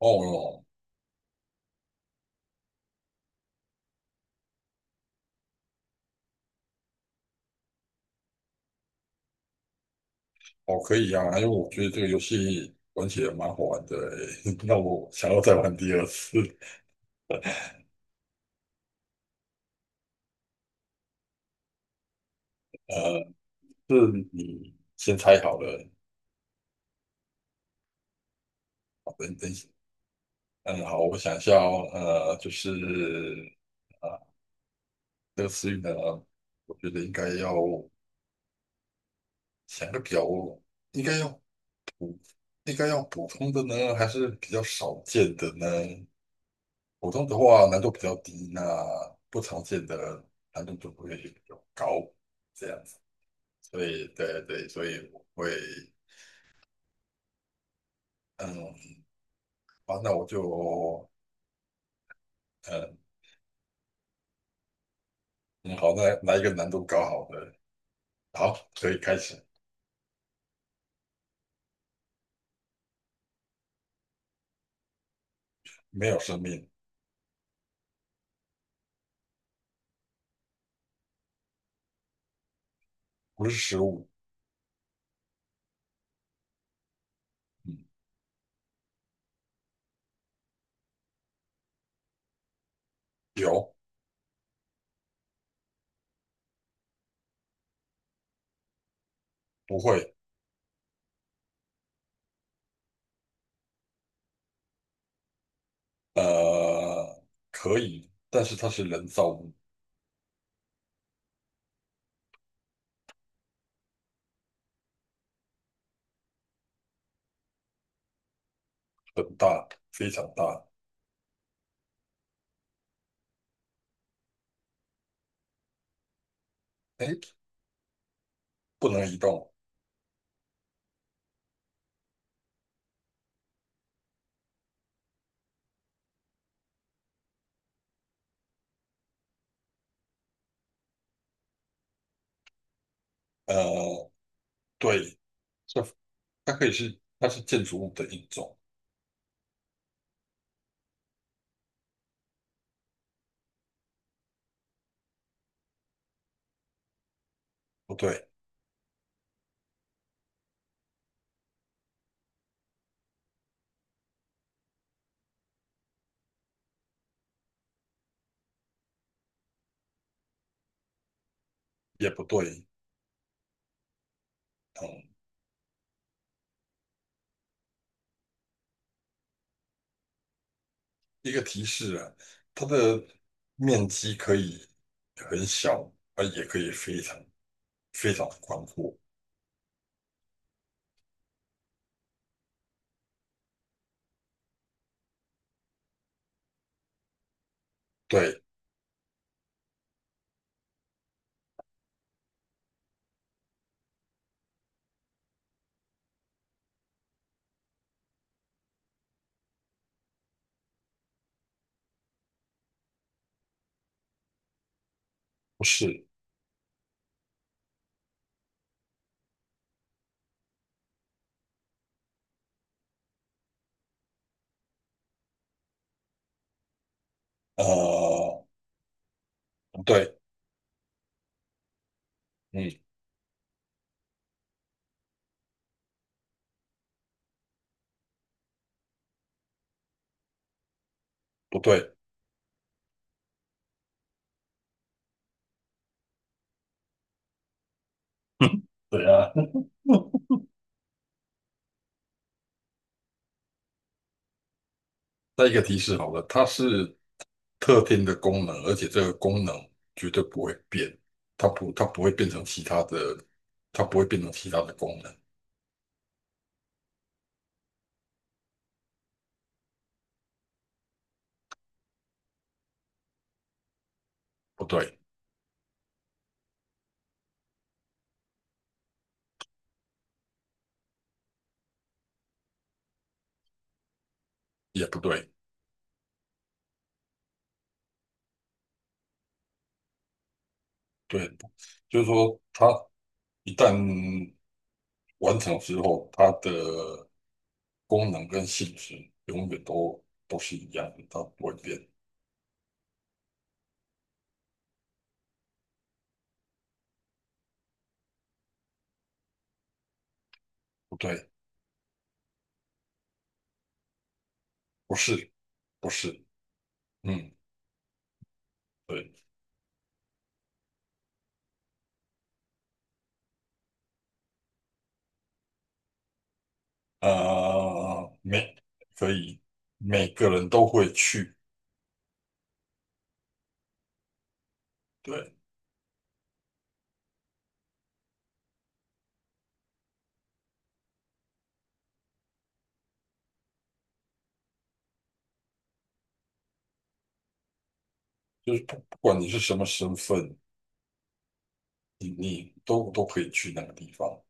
哦哦，可以啊，因为我觉得这个游戏玩起来蛮好玩的欸，那我想要再玩第二次。呃，是你先猜好了，好的，等一下，嗯，好，我想一下哦，就是啊，这个词语呢，我觉得应该要想个比较，应该要应该要普通的呢，还是比较少见的呢？普通的话难度比较低，那不常见的难度就会比较高，这样子。所以对对，所以我会嗯，好，那我就嗯嗯，好，那来一个难度高好的，好，可以开始。没有生命，不是食物，嗯，有，不会，呃，可以，但是它是人造物，很大，非常大，哎，不能移动，呃，对，这它可以是，它是建筑物的一种，不对，也不对，嗯，一个提示啊，它的面积可以很小，啊，也可以非常非常宽阔。对，不是，呃，不对，嗯，不对，对啊。再一个提示好了，它是特定的功能，而且这个功能绝对不会变，它不会变成其他的，它不会变成其他的功能。不对，也不对，对，就是说它一旦完成之后，它的功能跟性质永远都是一样的，它不会变。不对，不是，不是，嗯，对，啊，每可以每个人都会去，对，就是不管你是什么身份，你都可以去那个地方，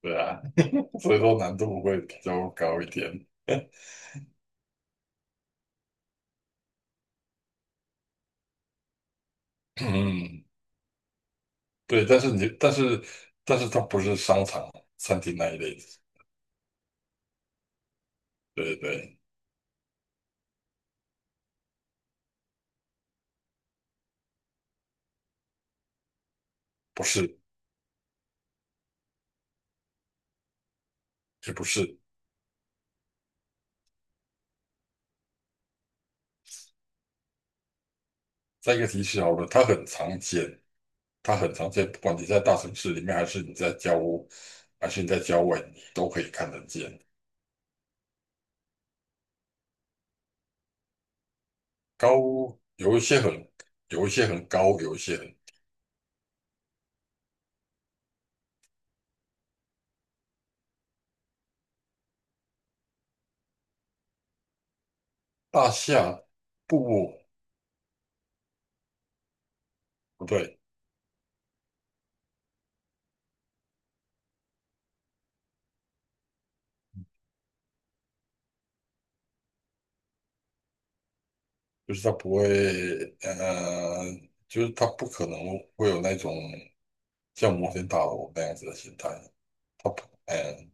对啊，所以说难度会比较高一点。嗯，对，但是它不是商场、餐厅那一类的。对对，不是，也不是，再一个提示好了，它很常见，它很常见，不管你在大城市里面，还是你在郊外，你都可以看得见。高，有一些很，有一些很高，有一些很大厦，不不对，就是它不会，呃，就是它不可能会有那种像摩天大楼那样子的形态。它不，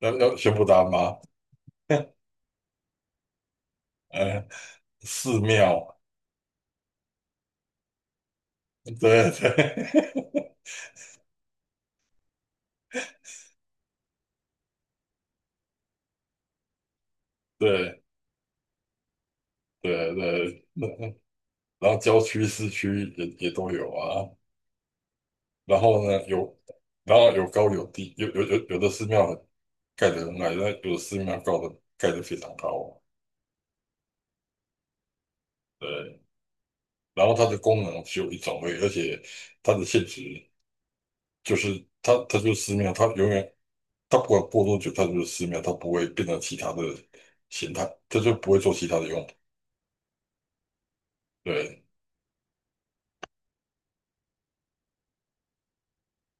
要宣布答案吗？嗯、寺庙，对对 对。对对，然后郊区、市区也都有啊。然后呢，然后有高有低，有的寺庙很盖得很矮，那有的寺庙高的盖得非常高啊。对，然后它的功能只有一种而已，而且它的性质就是它就是寺庙，它永远它不管过多久，它就是寺庙，它不会变成其他的形态，它就不会做其他的用途。对，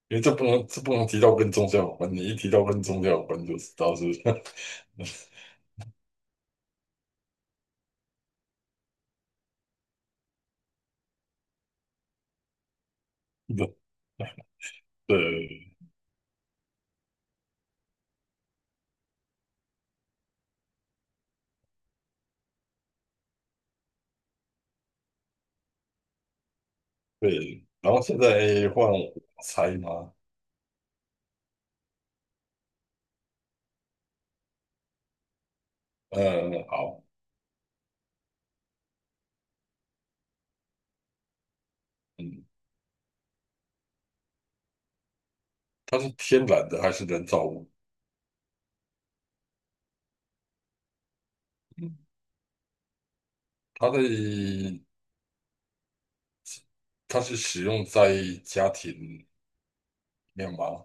因为这不能提到跟宗教有关，你一提到跟宗教有关就知道是 对对对，然后现在换我猜吗？嗯，好，嗯，它是天然的还是人造物？嗯，它的它是使用在家庭里面吗？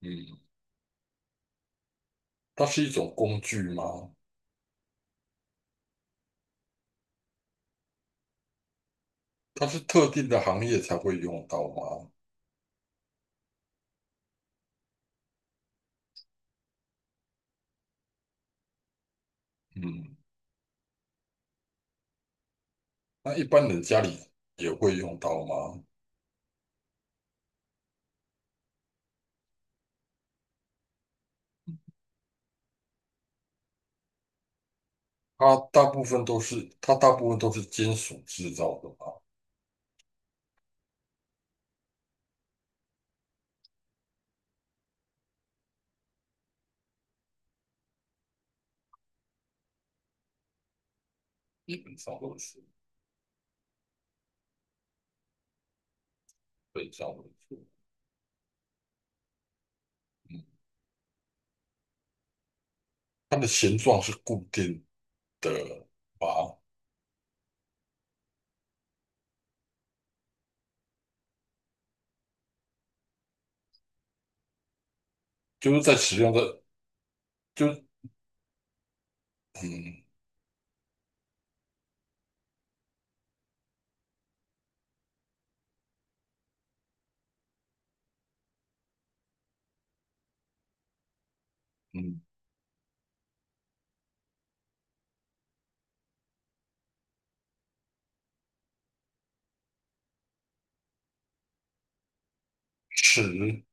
嗯，它是一种工具吗？它是特定的行业才会用到吗？嗯，那一般人家里也会用到吗？它大部分都是它大部分都是金属制造的吗？基本上都是，对，基本上错，是。它的形状是固定的啊，就是在使用的，就是嗯嗯，尺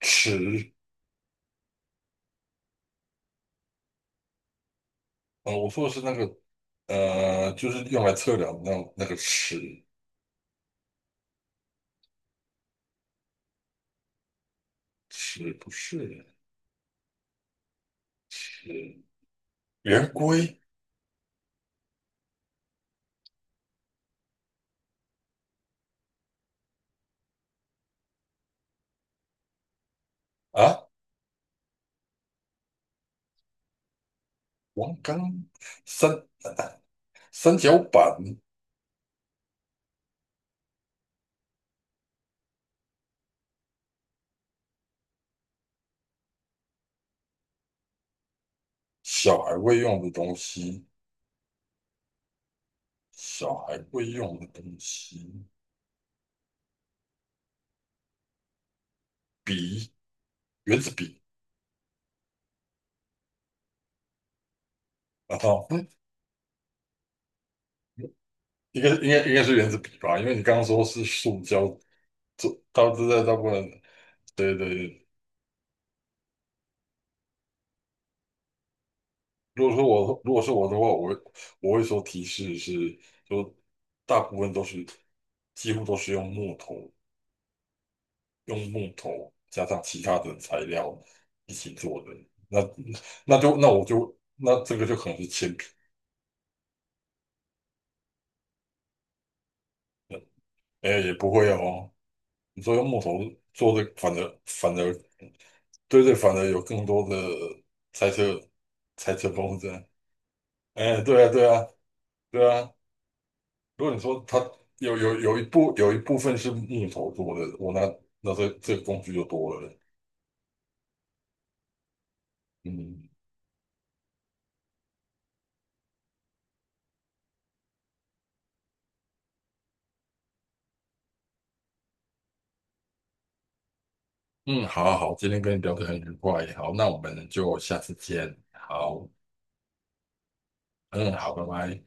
尺，我说的是那个就是用来测量那个尺，不是是圆规啊，王刚三三角板，小孩会用的东西，小孩会用的东西，笔，圆珠笔啊，应该是原子笔吧，因为你刚刚说是塑胶，这大部在大部分，对对对。如果是我的话，我会说提示是，就大部分都是几乎都是用木头，用木头加上其他的材料一起做的。那那就那我就那这个就可能是铅笔，哎，也不会哦。你说用木头做的，反而对对，反而有更多的猜测猜测空间。哎，对啊，对啊，对啊。如果你说它有一部分是木头做的，我那那这这个工具就多了。嗯嗯，好好好，今天跟你聊得很愉快，好，那我们就下次见。好，嗯，好，拜拜。